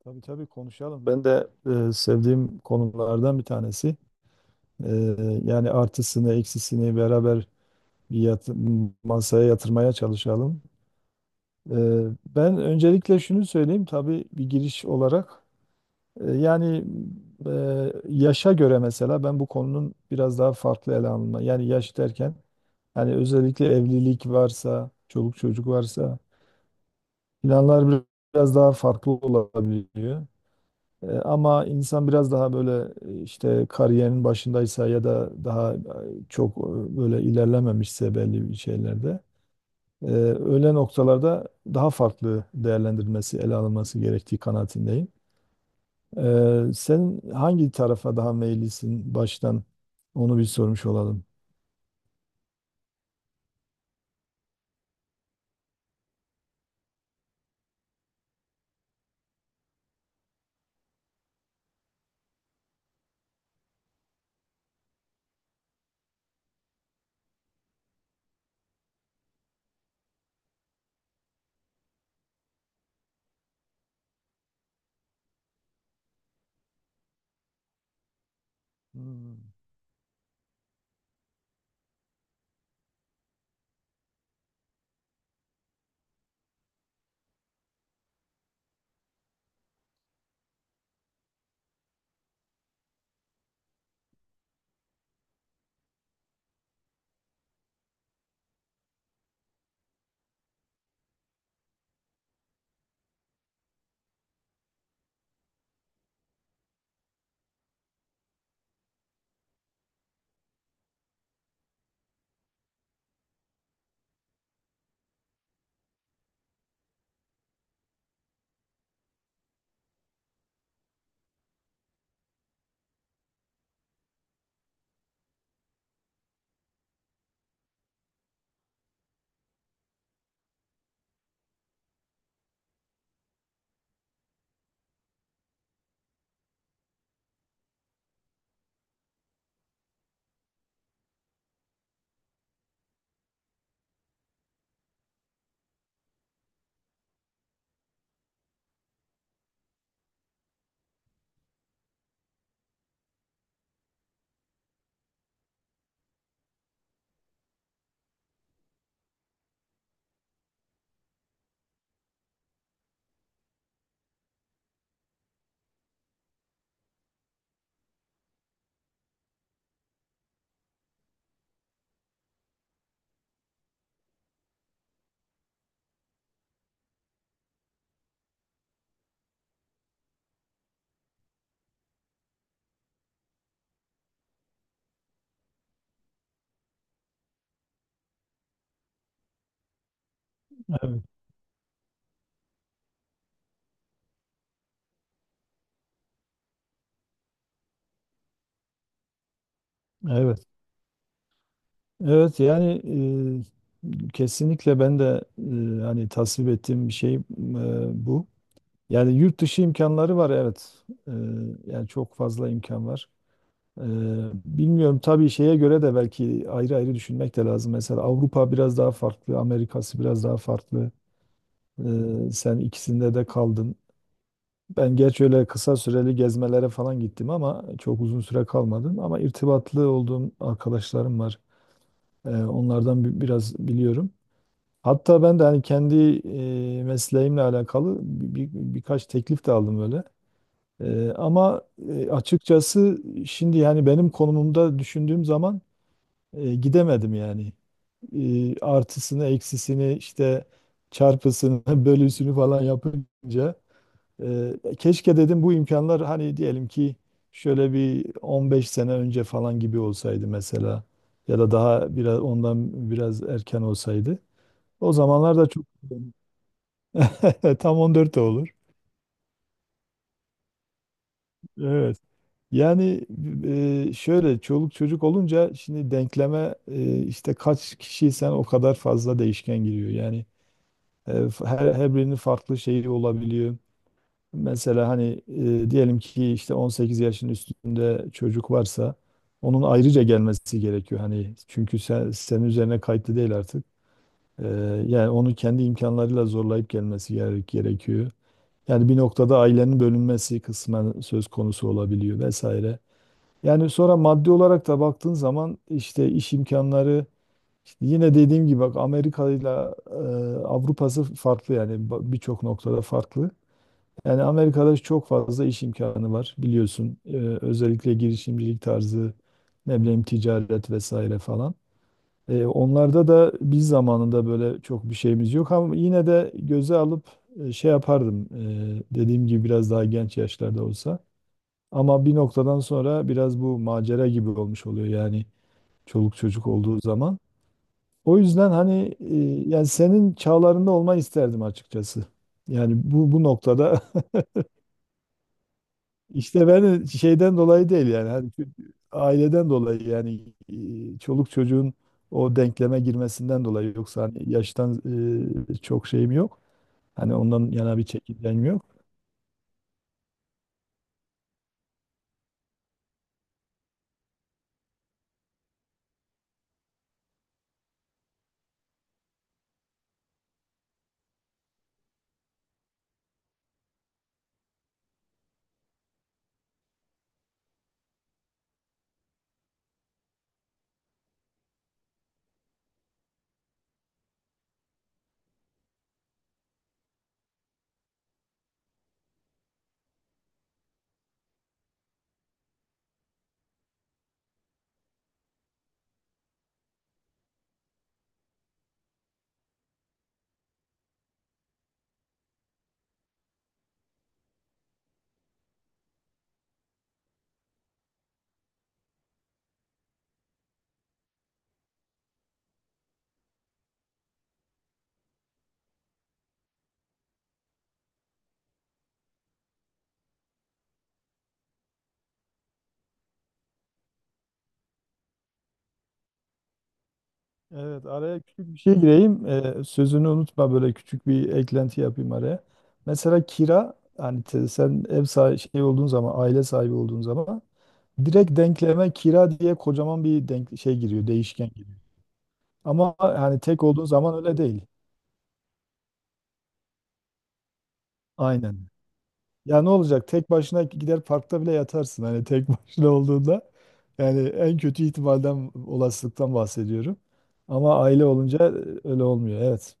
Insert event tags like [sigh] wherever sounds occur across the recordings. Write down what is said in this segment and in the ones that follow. Tabii, tabii, konuşalım. Ben de sevdiğim konulardan bir tanesi. E, Yani artısını, eksisini beraber bir yat- masaya yatırmaya çalışalım. E, Ben öncelikle şunu söyleyeyim, tabii bir giriş olarak. Yani e, yaşa göre mesela ben bu konunun biraz daha farklı ele alınma. Yani yaş derken yani özellikle evlilik varsa, çoluk çocuk varsa planlar biraz daha farklı olabiliyor. Ama insan biraz daha böyle işte kariyerin başındaysa ya da daha çok böyle ilerlememişse belli bir şeylerde öyle noktalarda daha farklı değerlendirilmesi, ele alınması gerektiği kanaatindeyim. Sen hangi tarafa daha meyillisin, baştan onu bir sormuş olalım. Hmm. Evet, evet. Evet, yani kesinlikle ben de hani tasvip ettiğim bir şey, bu. Yani yurt dışı imkanları var, evet. Yani çok fazla imkan var. Ee, Bilmiyorum tabii, şeye göre de belki ayrı ayrı düşünmek de lazım. Mesela Avrupa biraz daha farklı, Amerika'sı biraz daha farklı. Sen ikisinde de kaldın. Ben gerçi öyle kısa süreli gezmelere falan gittim ama çok uzun süre kalmadım. Ama irtibatlı olduğum arkadaşlarım var. Onlardan biraz biliyorum. Hatta ben de hani kendi mesleğimle alakalı birkaç teklif de aldım öyle. Ama açıkçası şimdi yani benim konumumda düşündüğüm zaman gidemedim yani. Artısını, eksisini, işte çarpısını, [laughs] bölüsünü falan yapınca e, keşke dedim, bu imkanlar hani diyelim ki şöyle bir 15 sene önce falan gibi olsaydı mesela, ya da daha biraz ondan biraz erken olsaydı. O zamanlar da çok [laughs] tam 14 de olur. Evet. Yani şöyle çoluk çocuk olunca şimdi denkleme işte kaç kişiysen o kadar fazla değişken giriyor. Yani her, her birinin farklı şeyi olabiliyor. Mesela hani diyelim ki işte 18 yaşın üstünde çocuk varsa onun ayrıca gelmesi gerekiyor. Hani çünkü senin üzerine kayıtlı değil artık. E, Yani onu kendi imkanlarıyla zorlayıp gerekiyor. Yani bir noktada ailenin bölünmesi kısmen söz konusu olabiliyor vesaire. Yani sonra maddi olarak da baktığın zaman işte iş imkanları işte yine dediğim gibi, bak, Amerika ile Avrupa'sı farklı yani, birçok noktada farklı. Yani Amerika'da çok fazla iş imkanı var, biliyorsun. Özellikle girişimcilik tarzı, ne bileyim, ticaret vesaire falan. Onlarda da biz zamanında böyle çok bir şeyimiz yok ama yine de göze alıp şey yapardım. Dediğim gibi biraz daha genç yaşlarda olsa. Ama bir noktadan sonra biraz bu macera gibi olmuş oluyor yani, çoluk çocuk olduğu zaman. O yüzden hani yani senin çağlarında olmayı isterdim açıkçası. Yani bu noktada [laughs] işte ben şeyden dolayı değil yani, hani şu aileden dolayı yani, çoluk çocuğun o denkleme girmesinden dolayı, yoksa hani yaştan çok şeyim yok. Hani ondan yana bir çekincem yok. Evet, araya küçük bir şey gireyim. Sözünü unutma, böyle küçük bir eklenti yapayım araya. Mesela kira, hani sen ev sahibi şey olduğun zaman, aile sahibi olduğun zaman direkt denkleme kira diye kocaman bir denk şey giriyor, değişken giriyor. Ama hani tek olduğun zaman öyle değil. Aynen. Ya, ne olacak? Tek başına gider parkta bile yatarsın hani tek [laughs] başına olduğunda. Yani en kötü ihtimalden, olasılıktan bahsediyorum. Ama aile olunca öyle olmuyor. Evet.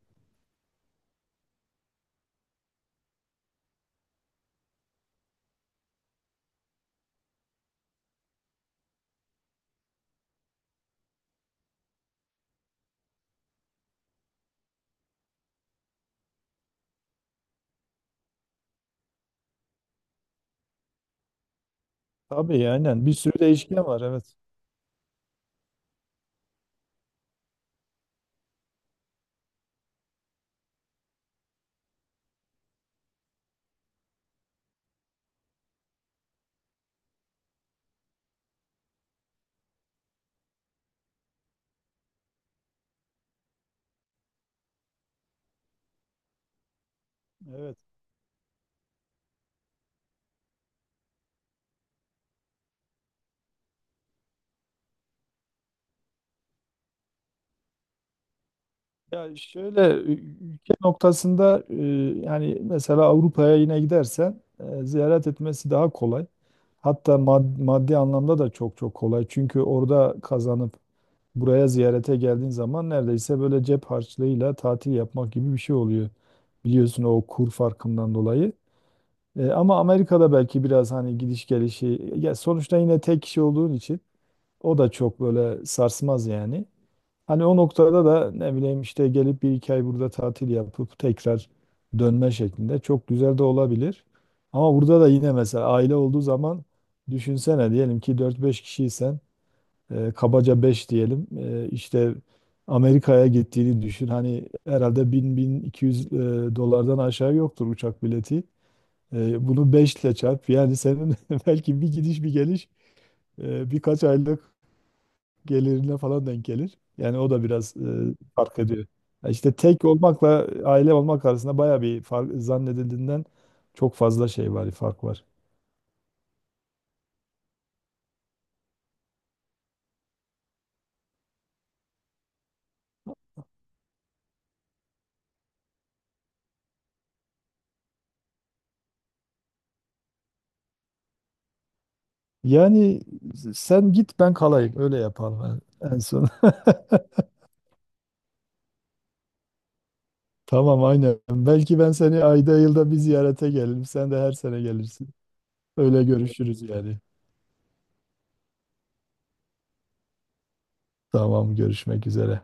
Tabii, aynen. Bir sürü değişken var. Evet. Evet. Ya şöyle ülke noktasında yani mesela Avrupa'ya yine gidersen ziyaret etmesi daha kolay. Hatta maddi anlamda da çok çok kolay. Çünkü orada kazanıp buraya ziyarete geldiğin zaman neredeyse böyle cep harçlığıyla tatil yapmak gibi bir şey oluyor. Biliyorsun, o kur farkından dolayı. Ama Amerika'da belki biraz hani gidiş gelişi, ya sonuçta yine tek kişi olduğun için o da çok böyle sarsmaz yani. Hani o noktada da ne bileyim işte gelip bir iki ay burada tatil yapıp tekrar dönme şeklinde çok güzel de olabilir. Ama burada da yine mesela aile olduğu zaman düşünsene, diyelim ki dört beş kişiysen kabaca 5 diyelim, işte Amerika'ya gittiğini düşün. Hani herhalde 1000-1200 dolardan aşağı yoktur uçak bileti. Bunu 5 ile çarp, yani senin [laughs] belki bir gidiş bir geliş birkaç aylık gelirine falan denk gelir. Yani o da biraz fark ediyor. Ya İşte tek olmakla aile olmak arasında baya bir fark, zannedildiğinden çok fazla şey var, fark var. Yani sen git, ben kalayım, öyle yapalım en en son. [laughs] Tamam, aynen. Belki ben seni ayda yılda bir ziyarete gelirim. Sen de her sene gelirsin. Öyle görüşürüz yani. Tamam, görüşmek üzere.